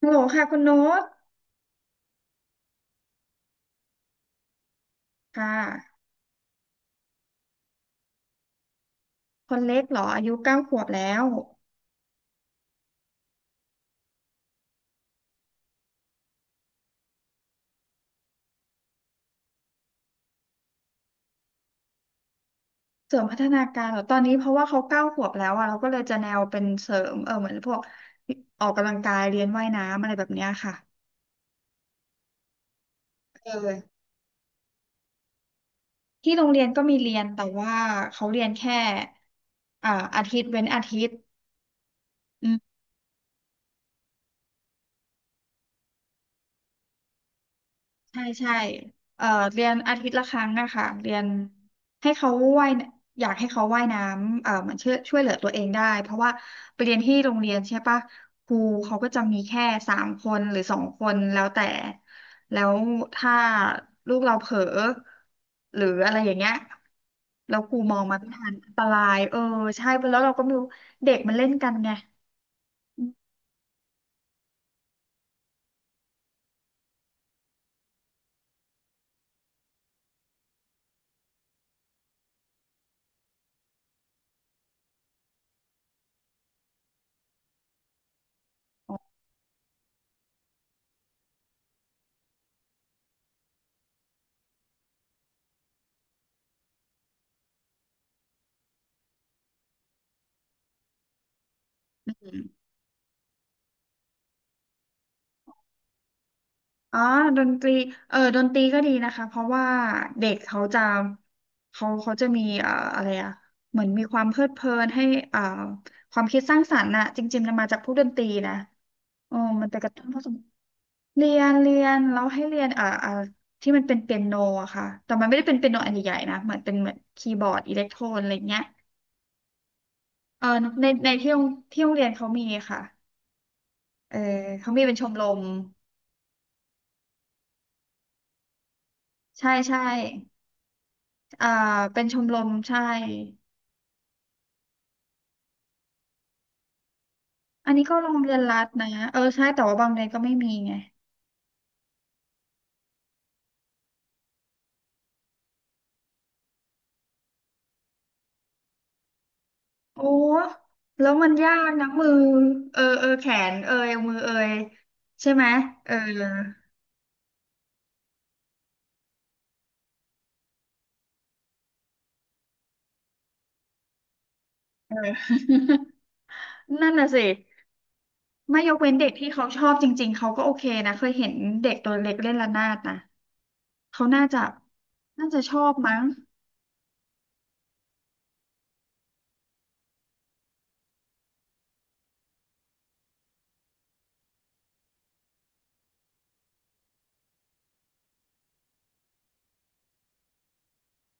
ฮัลโหลค่ะคุณโน้ตค่ะคนเล็กเหรออายุเก้าขวบแล้วเสริมพัฒนาการเหรอตอนนี้เพราะว่าเขาเก้าขวบแล้วอะเราก็เลยจะแนวเป็นเสริมเหมือนพวกออกกำลังกายเรียนว่ายน้ำอะไรแบบเนี้ยค่ะเออที่โรงเรียนก็มีเรียนแต่ว่าเขาเรียนแค่อ่าอาทิตย์เว้นอาทิตย์ ใช่ใช่เอ่อเรียนอาทิตย์ละครั้งอะค่ะเรียนให้เขาว่ายนอยากให้เขาว่ายน้ำเหมือนช่วยเหลือตัวเองได้เพราะว่าไปเรียนที่โรงเรียนใช่ปะครูเขาก็จะมีแค่3 คนหรือ2 คนแล้วแต่แล้วถ้าลูกเราเผลอหรืออะไรอย่างเงี้ยแล้วครูมองมาไม่ทันอันตรายใช่แล้วเราก็ไม่รู้เด็กมันเล่นกันไง อ๋อดนตรีดนตรีก็ดีนะคะเพราะว่าเด็กเขาจะเขาจะมีอะไรอะเหมือนมีความเพลิดเพลินให้เอ่อความคิดสร้างสรรค์น่ะจริงๆมันมาจากพวกดนตรีนะโอ้มันจะกระตุ้นพอสมเรียนแล้วให้เรียนที่มันเป็นเปียโนอะค่ะแต่มันไม่ได้เป็นเปียโนอันใหญ่ๆนะเหมือนเป็นเหมือนคีย์บอร์ดอิเล็กโทรนอะไรเงี้ยเออในที่โรงเรียนเขามีค่ะเออเขามีเป็นชมรมใช่ใช่อ่าเป็นชมรมใช่ อันนี้ก็โรงเรียนรัฐนะใช่แต่ว่าบางเรียนก็ไม่มีไงโอ้แล้วมันยากนะมือแขนเอยมือเอยใช่ไหมเออเออ นั่นน่ะสิไม่ยกเว้นเด็กที่เขาชอบจริงๆเขาก็โอเคนะเคยเห็นเด็กตัวเล็กเล่นระนาดนะเขาน่าจะชอบมั้ง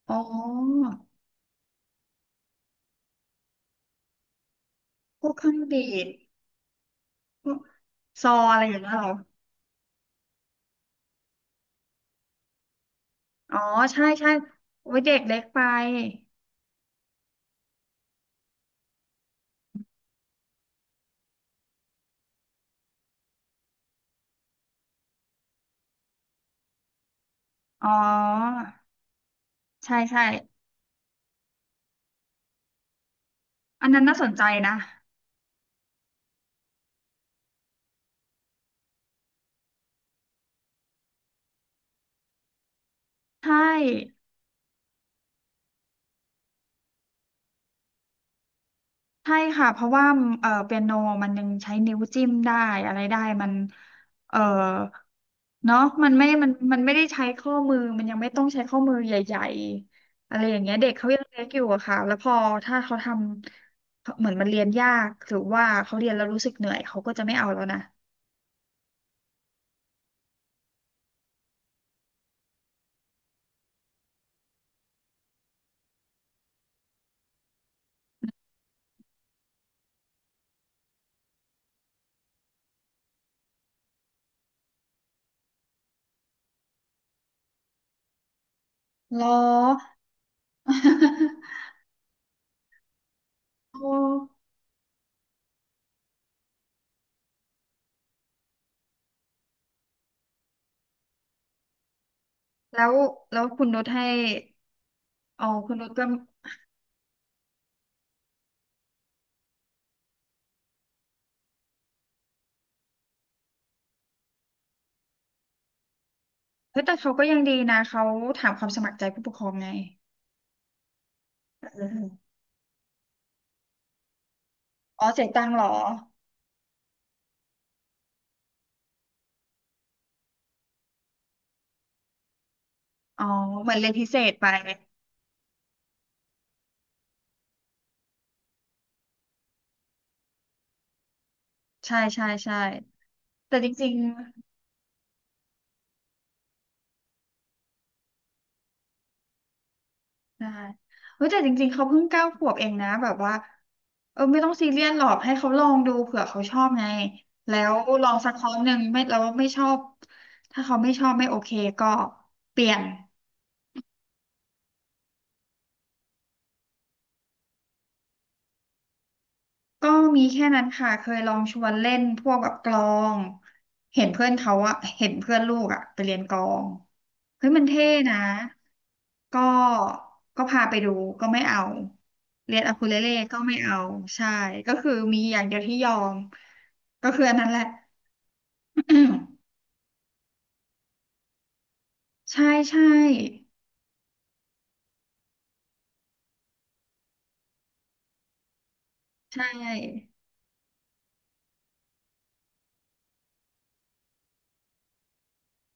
อ๋อพวกเครื่องดีดพวกซออะไรอย่างเงี้ยเหรออ๋อใช่ใช่โอ้ยเด็กเล็กไปอ๋อ ใช่ใช่อันนั้นน่าสนใจนะใช่ใช่ค่ะเพราะว่าเปียโนมันยังใช้นิ้วจิ้มได้อะไรได้มันเออเนาะมันไม่ได้ใช้ข้อมือมันยังไม่ต้องใช้ข้อมือใหญ่ๆอะไรอย่างเงี้ยเด็กเขายังเล็กอยู่อะค่ะแล้วพอถ้าเขาทำเหมือนมันเรียนยากหรือว่าเขาเรียนแล้วรู้สึกเหนื่อยเขาก็จะไม่เอาแล้วนะเหรอ โอ้ แล้วแล้วคุณนุชให้อ๋อคุณนุชก็ เฮ้ยแต่เขาก็ยังดีนะเขาถามความสมัครใจผู้ปกครองไงเอออ๋อเสียตังค์เหรออ๋อเหมือนเรียนพิเศษไปใช่ใช่ใช่แต่จริงๆได้เฮ้ยแต่จริงๆเขาเพิ่งเก้าขวบเองนะแบบว่าไม่ต้องซีเรียสหรอกให้เขาลองดูเผื่อเขาชอบไงแล้วลองสักครั้งหนึ่งไม่แล้วไม่ชอบถ้าเขาไม่ชอบไม่โอเคก็เปลี่ยน ก็มีแค่นั้นค่ะเคยลองชวนเล่นพวกแบบกลองเห็นเพื่อนเขาอะเห็นเพื่อนลูกอะไปเรียนกลองเฮ้ยมันเท่นะก็ก็พาไปดูก็ไม่เอาเรียนอะคูเลเล่ก็ไม่เอาใช่ก็คือมีอย่างเดียวที่ยอมก็คืออันนั้นแหละ ใช่ใช่ใช่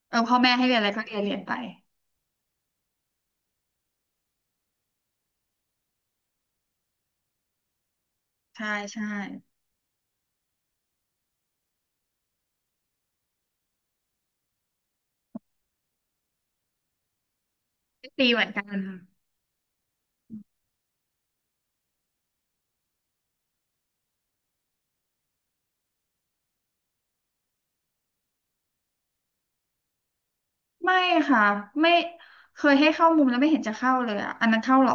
พ่อแม่ให้เรียนอะไรก็เรียนไปใช่ใช่ตีเหมือนกัน ไม่ค่ะไม่เคยให้เข้ามุมแล้วไม่เห็นจะเข้าเลยอ่ะอันนั้นเข้าเหรอ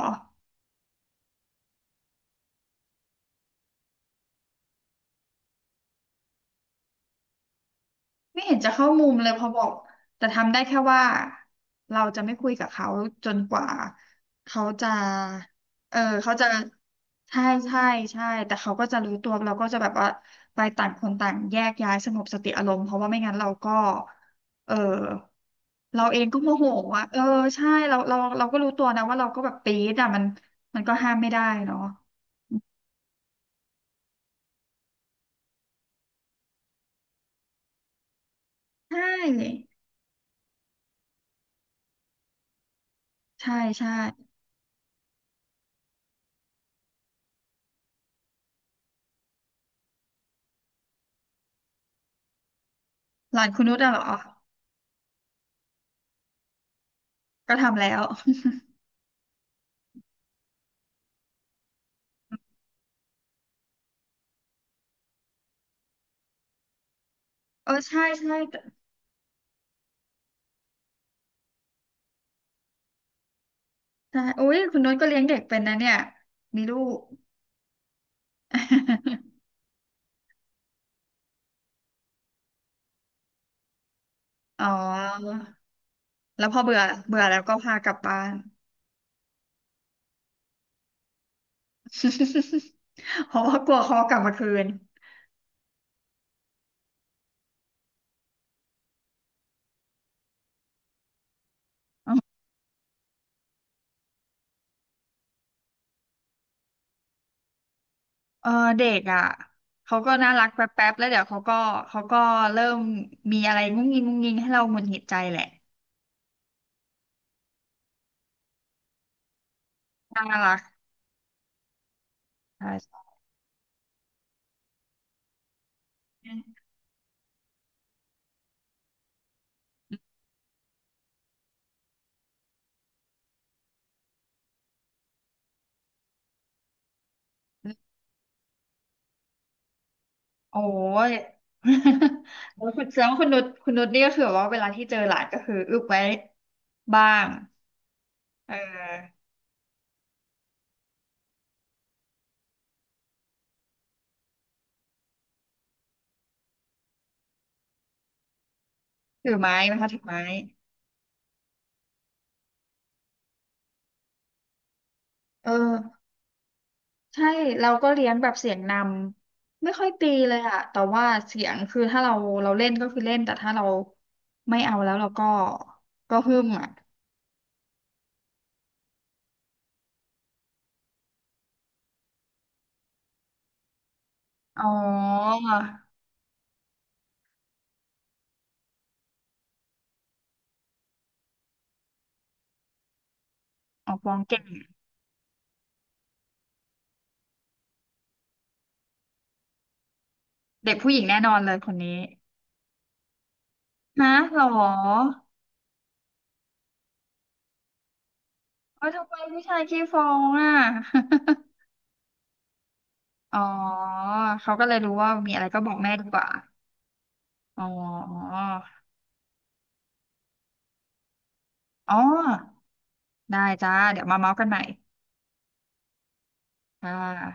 ไม่เห็นจะเข้ามุมเลยพอบอกแต่ทำได้แค่ว่าเราจะไม่คุยกับเขาจนกว่าเขาจะเออเขาจะใช่ใช่ใช่แต่เขาก็จะรู้ตัวเราก็จะแบบว่าไปต่างคนต่างแยกย้ายสงบสติอารมณ์เพราะว่าไม่งั้นเราก็เออเราเองก็โมโหอ่ะใช่เราก็รู้ตัวนะว่าเราก็แบบปี๊ดอ่ะมันมันก็ห้ามไม่ได้เนาะ ใช่ใช่ใช่หลานคุณนุชอะเหรอก็ทำแล้ว ใช่ใช่แต่ใช่โอ้ยคุณนุชก็เลี้ยงเด็กเป็นนะเนี่ยมีลูก อ๋อแล้วพอเบื่อเบื่อแล้วก็พากลับบ้าน เพราะว่ากลัวเขากลับมาคืนเออเด็กอ่ะเขาก็น่ารักแป๊บๆแล้วเดี๋ยวเขาก็เขาก็เริ่มมีอะไรงุ้งงิงงุ้งงิงให้เราหงุดหงิดใจแหละน่ารักใช่ใช่ โอ้ย แล้วคุณแสดงว่าคุณนุชคุณนุชนี่ก็คือแบบว่าเวลาที่เจอหลานก็คืออึบไว้บ้างเออถือไม้นะคะถือไม้เออใช่เราก็เลี้ยงแบบเสียงนำไม่ค่อยตีเลยอะแต่ว่าเสียงคือถ้าเราเล่นก็คือเล่นแต่ถ้าเราไม่เอาแล้วเราก็ก็หึ่มอะอ๋อออกร้องเก่งเด็กผู้หญิงแน่นอนเลยคนนี้นะหรอเอ้ยทำไมผู้ชายขี้ฟ้องอ่ะ อ๋อ เขาก็เลยรู้ว่ามีอะไรก็บอกแม่ดีกว่าอ๋ออ๋ออ๋อได้จ้า เดี๋ยวมาเมาส์กันใหม่ค่ะ